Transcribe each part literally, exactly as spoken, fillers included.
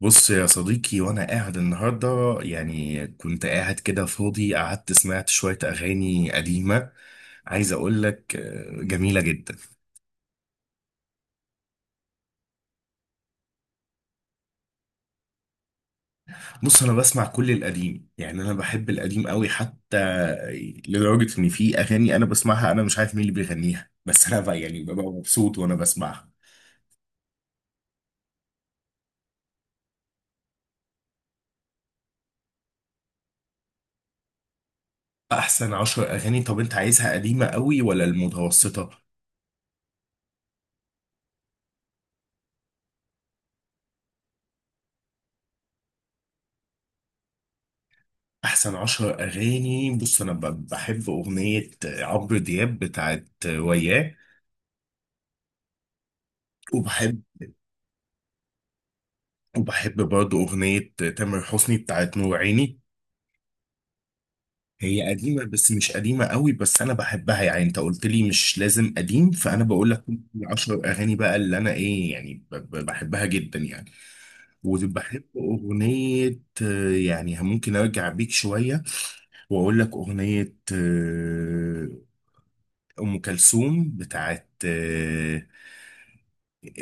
بص يا صديقي، وانا قاعد النهارده، يعني كنت قاعد كده فاضي، قعدت سمعت شويه اغاني قديمه. عايز اقول لك آه، جميله جدا. بص، انا بسمع كل القديم، يعني انا بحب القديم قوي، حتى لدرجه ان في اغاني انا بسمعها، انا مش عارف مين اللي بيغنيها بس انا بقى يعني ببقى مبسوط وانا بسمعها. احسن عشر اغاني؟ طب انت عايزها قديمه قوي ولا المتوسطه؟ احسن عشر اغاني، بص انا ب- بحب اغنيه عمرو دياب بتاعت وياه. وبحب وبحب برضه أغنية تامر حسني بتاعت نور عيني. هي قديمة بس مش قديمة قوي، بس أنا بحبها، يعني أنت قلت لي مش لازم قديم فأنا بقول لك. العشر أغاني بقى اللي أنا إيه، يعني ب- ب- بحبها جدا يعني. وبحب أغنية، آه، يعني ممكن أرجع بيك شوية وأقول لك أغنية، آه، أم كلثوم بتاعت، آه،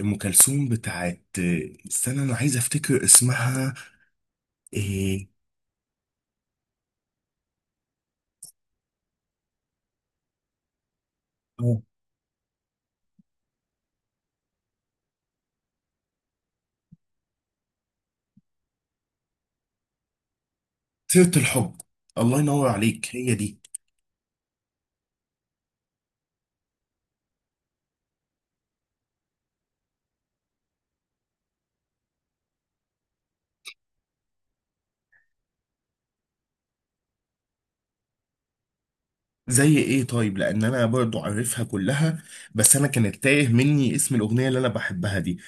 أم كلثوم بتاعت، آه، استنى أنا عايز أفتكر اسمها إيه. آه. سيرة الحب، الله ينور عليك، هي دي. زي ايه؟ طيب، لان انا برضو عارفها كلها، بس انا كانت تايه مني اسم الاغنيه اللي انا بحبها دي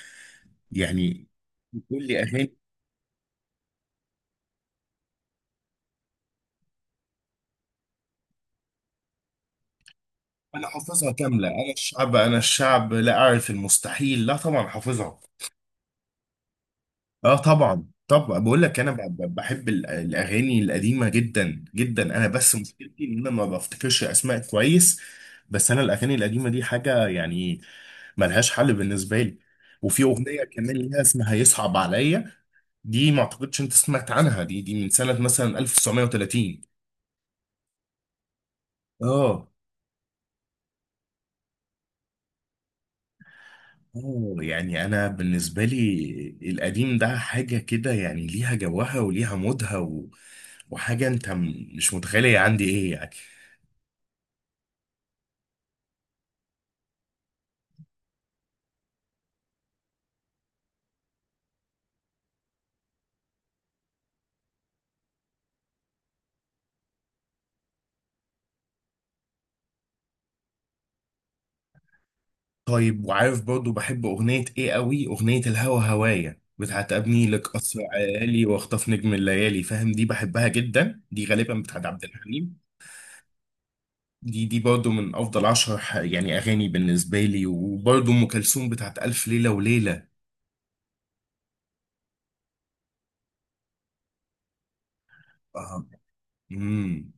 يعني. بتقول لي اغاني؟ انا حافظها كامله: انا الشعب، انا الشعب لا اعرف المستحيل، لا طبعا حافظها. اه، طبعا طبعا، بقول لك انا ب- ب- بحب ال- الاغاني القديمه جدا جدا، انا بس مشكلتي ان انا ما بفتكرش اسماء كويس. بس انا الاغاني القديمه دي حاجه يعني ملهاش حل بالنسبه لي. وفي اغنيه كمان ليها اسمها يصعب عليا، دي ما اعتقدش انت سمعت عنها، دي دي من سنه مثلا ألف وتسعمئة وثلاثين. اه اه، يعني انا بالنسبه لي القديم ده حاجه كده، يعني ليها جوها وليها مودها، و... وحاجه انت م- مش متخيله هي عندي ايه يعني. طيب، وعارف برضو بحب أغنية إيه قوي؟ أغنية الهوى هوايا بتاعت أبني لك قصر عالي وأخطف نجم الليالي، فاهم؟ دي بحبها جدا، دي غالبا بتاعت عبد الحليم. دي دي برضو من أفضل عشر ح- يعني أغاني بالنسبة لي، وبرضو أم كلثوم بتاعت ألف ليلة وليلة. آه. امم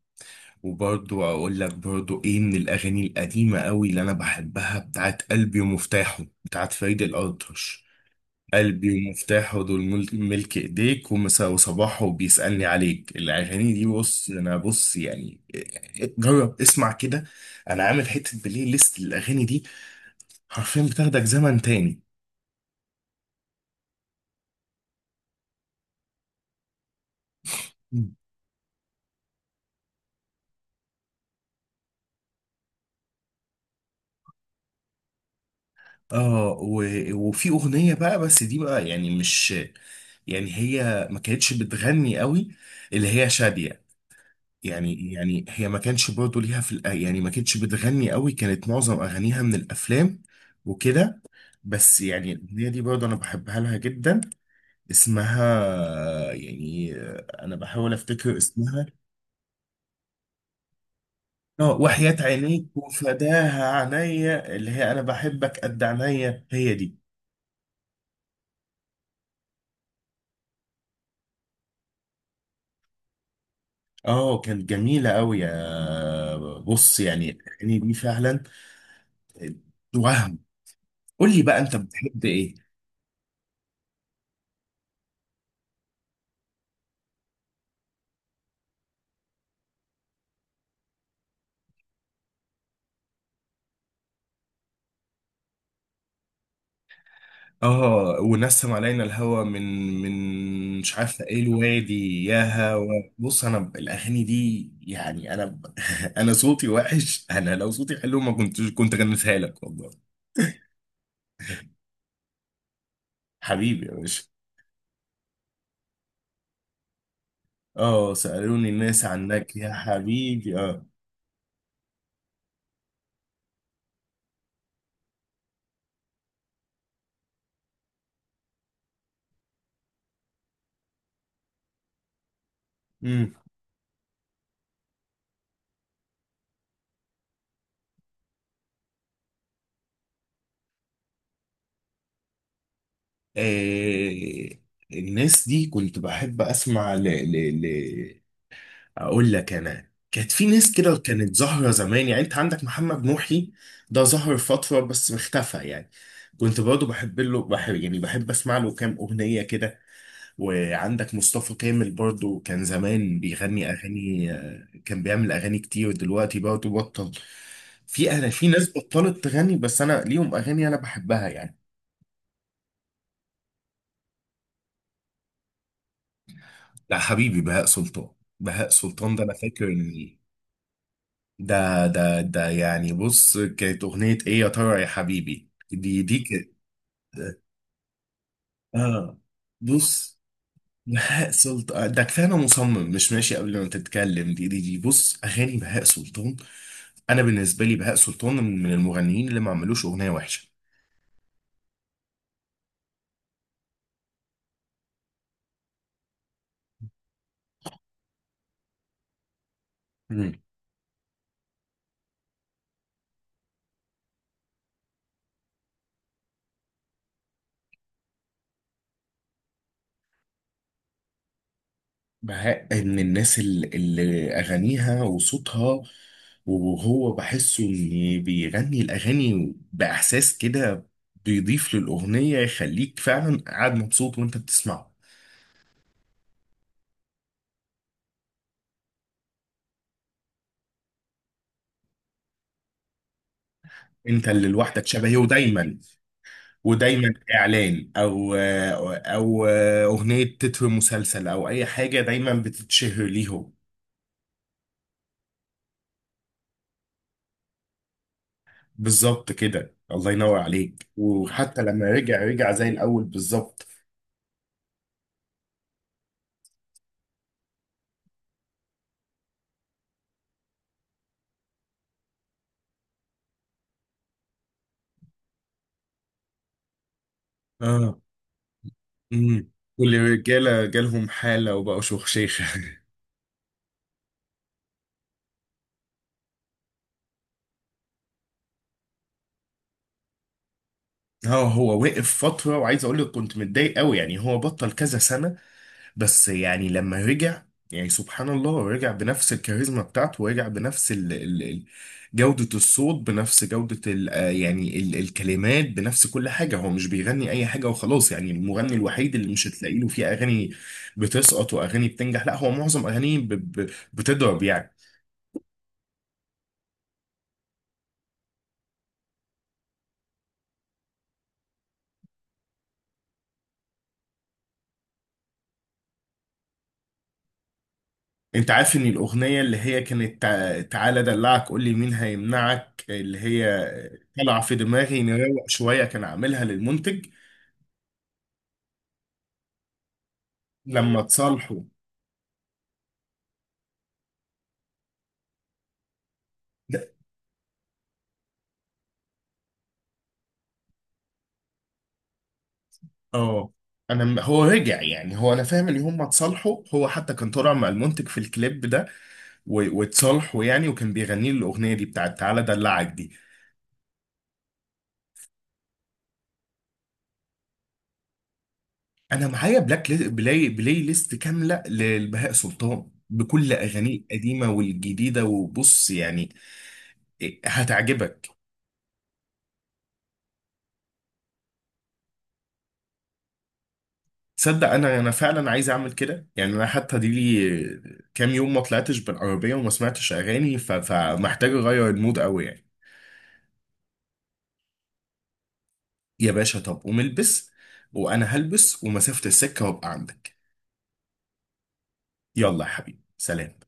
وبرضو أقول لك برضو إيه من الأغاني القديمة قوي اللي أنا بحبها، بتاعت قلبي ومفتاحه بتاعت فريد الأطرش. قلبي ومفتاحه، دول مل- ملك ايديك، ومسا- وصباحه بيسألني عليك. الاغاني دي، بص انا، بص يعني جرب اسمع كده. انا عامل حتة بلاي ليست للاغاني دي، حرفيا بتاخدك زمن تاني. اه، و- وفي اغنية بقى، بس دي بقى يعني مش، يعني هي ما كانتش بتغني قوي، اللي هي شادية. يعني يعني هي ما كانش برضه ليها في الأ- يعني ما كانتش بتغني قوي، كانت معظم اغانيها من الافلام وكده. بس يعني الأغنية دي برضه أنا بحبها لها جدا، اسمها يعني، أنا بحاول أفتكر اسمها. اه، وحياة عينيك وفداها عينيا، اللي هي أنا بحبك قد عينيا، هي دي. اه كانت جميلة أوي، يا بص يعني الأغاني دي فعلا آه، وهم. قول لي بقى أنت بتحب إيه؟ اه، ونسم علينا الهوى من، من مش عارفه ايه الوادي ياها، و- بص انا ب- الاغاني دي يعني انا ب- انا صوتي وحش، انا لو صوتي حلو ما كنتش كنت غنيتها لك والله. حبيبي يا باشا. اه، سألوني الناس عنك يا حبيبي، اه. امم آه الناس دي كنت بحب اسمع ل ل ل اقول لك، انا كانت في ناس كده كانت ظاهره زمان، يعني انت عندك محمد نوحي، ده ظهر فتره بس اختفى يعني. كنت برضه بحب له، بحب يعني بحب اسمع له كام اغنيه كده. وعندك مصطفى كامل برضه، كان زمان بيغني اغاني، آه، كان بيعمل اغاني كتير، دلوقتي برضه بطل. في انا في ناس بطلت تغني، بس انا ليهم اغاني انا بحبها يعني. لا حبيبي، بهاء سلطان. بهاء سلطان ده انا فاكر ان. ده ده ده يعني بص، كانت أغنية إيه، يا ترى يا حبيبي؟ دي دي كانت، آه بص، بهاء سلطان ده كفاية، أنا مصمم مش ماشي قبل ما تتكلم. دي دي دي بص، أغاني بهاء سلطان أنا بالنسبة لي بهاء سلطان من من المغنيين اللي ما عملوش أغنية وحشة. مع ان الناس اللي, اللي اغانيها وصوتها، وهو بحسه ان بيغني الاغاني باحساس كده، بيضيف للاغنيه يخليك فعلا قاعد مبسوط وانت بتسمعه. انت اللي لوحدك شبهي، ودايما ودايما اعلان، او او اغنيه تتر مسلسل او اي حاجه، دايما بتتشهر ليهم. بالظبط كده، الله ينور عليك، وحتى لما رجع، رجع زي الاول بالظبط. مم. والرجاله جالهم حاله وبقوا شيخه اه، هو وقف فتره، وعايز اقول لك كنت متضايق قوي، يعني هو بطل كذا سنه، بس يعني لما رجع، يعني سبحان الله، رجع بنفس الكاريزما بتاعته، ورجع بنفس ال ال ال جوده الصوت، بنفس جوده ال آه، يعني ال الكلمات، بنفس كل حاجه. هو مش بيغني اي حاجه وخلاص، يعني المغني الوحيد اللي مش هتلاقي له فيه اغاني بتسقط واغاني بتنجح، لا هو معظم اغانيه ب- ب- بتضرب يعني. انت عارف ان الاغنيه اللي هي كانت تع- تعالى دلعك قول لي مين هيمنعك، اللي هي طالعه في دماغي نروق شويه، كان عاملها للمنتج لما اتصالحوا. لا. اه، انا م- هو رجع، يعني هو انا فاهم ان هم اتصالحوا، هو حتى كان طالع مع المنتج في الكليب ده، و- واتصالحوا يعني، وكان بيغني له الاغنيه دي بتاعت تعالى دلعك دي. انا معايا بلاك لي... بلاي بلاي ليست كامله لبهاء سلطان بكل اغانيه القديمه والجديده، وبص يعني إيه، هتعجبك. تصدق انا انا فعلا عايز اعمل كده، يعني انا حتى دي لي كام يوم ما طلعتش بالعربيه وما سمعتش اغاني، ف... فمحتاج اغير المود قوي يعني. يا باشا طب قوم البس، وانا هلبس ومسافه السكه وابقى عندك. يلا يا حبيبي، سلام.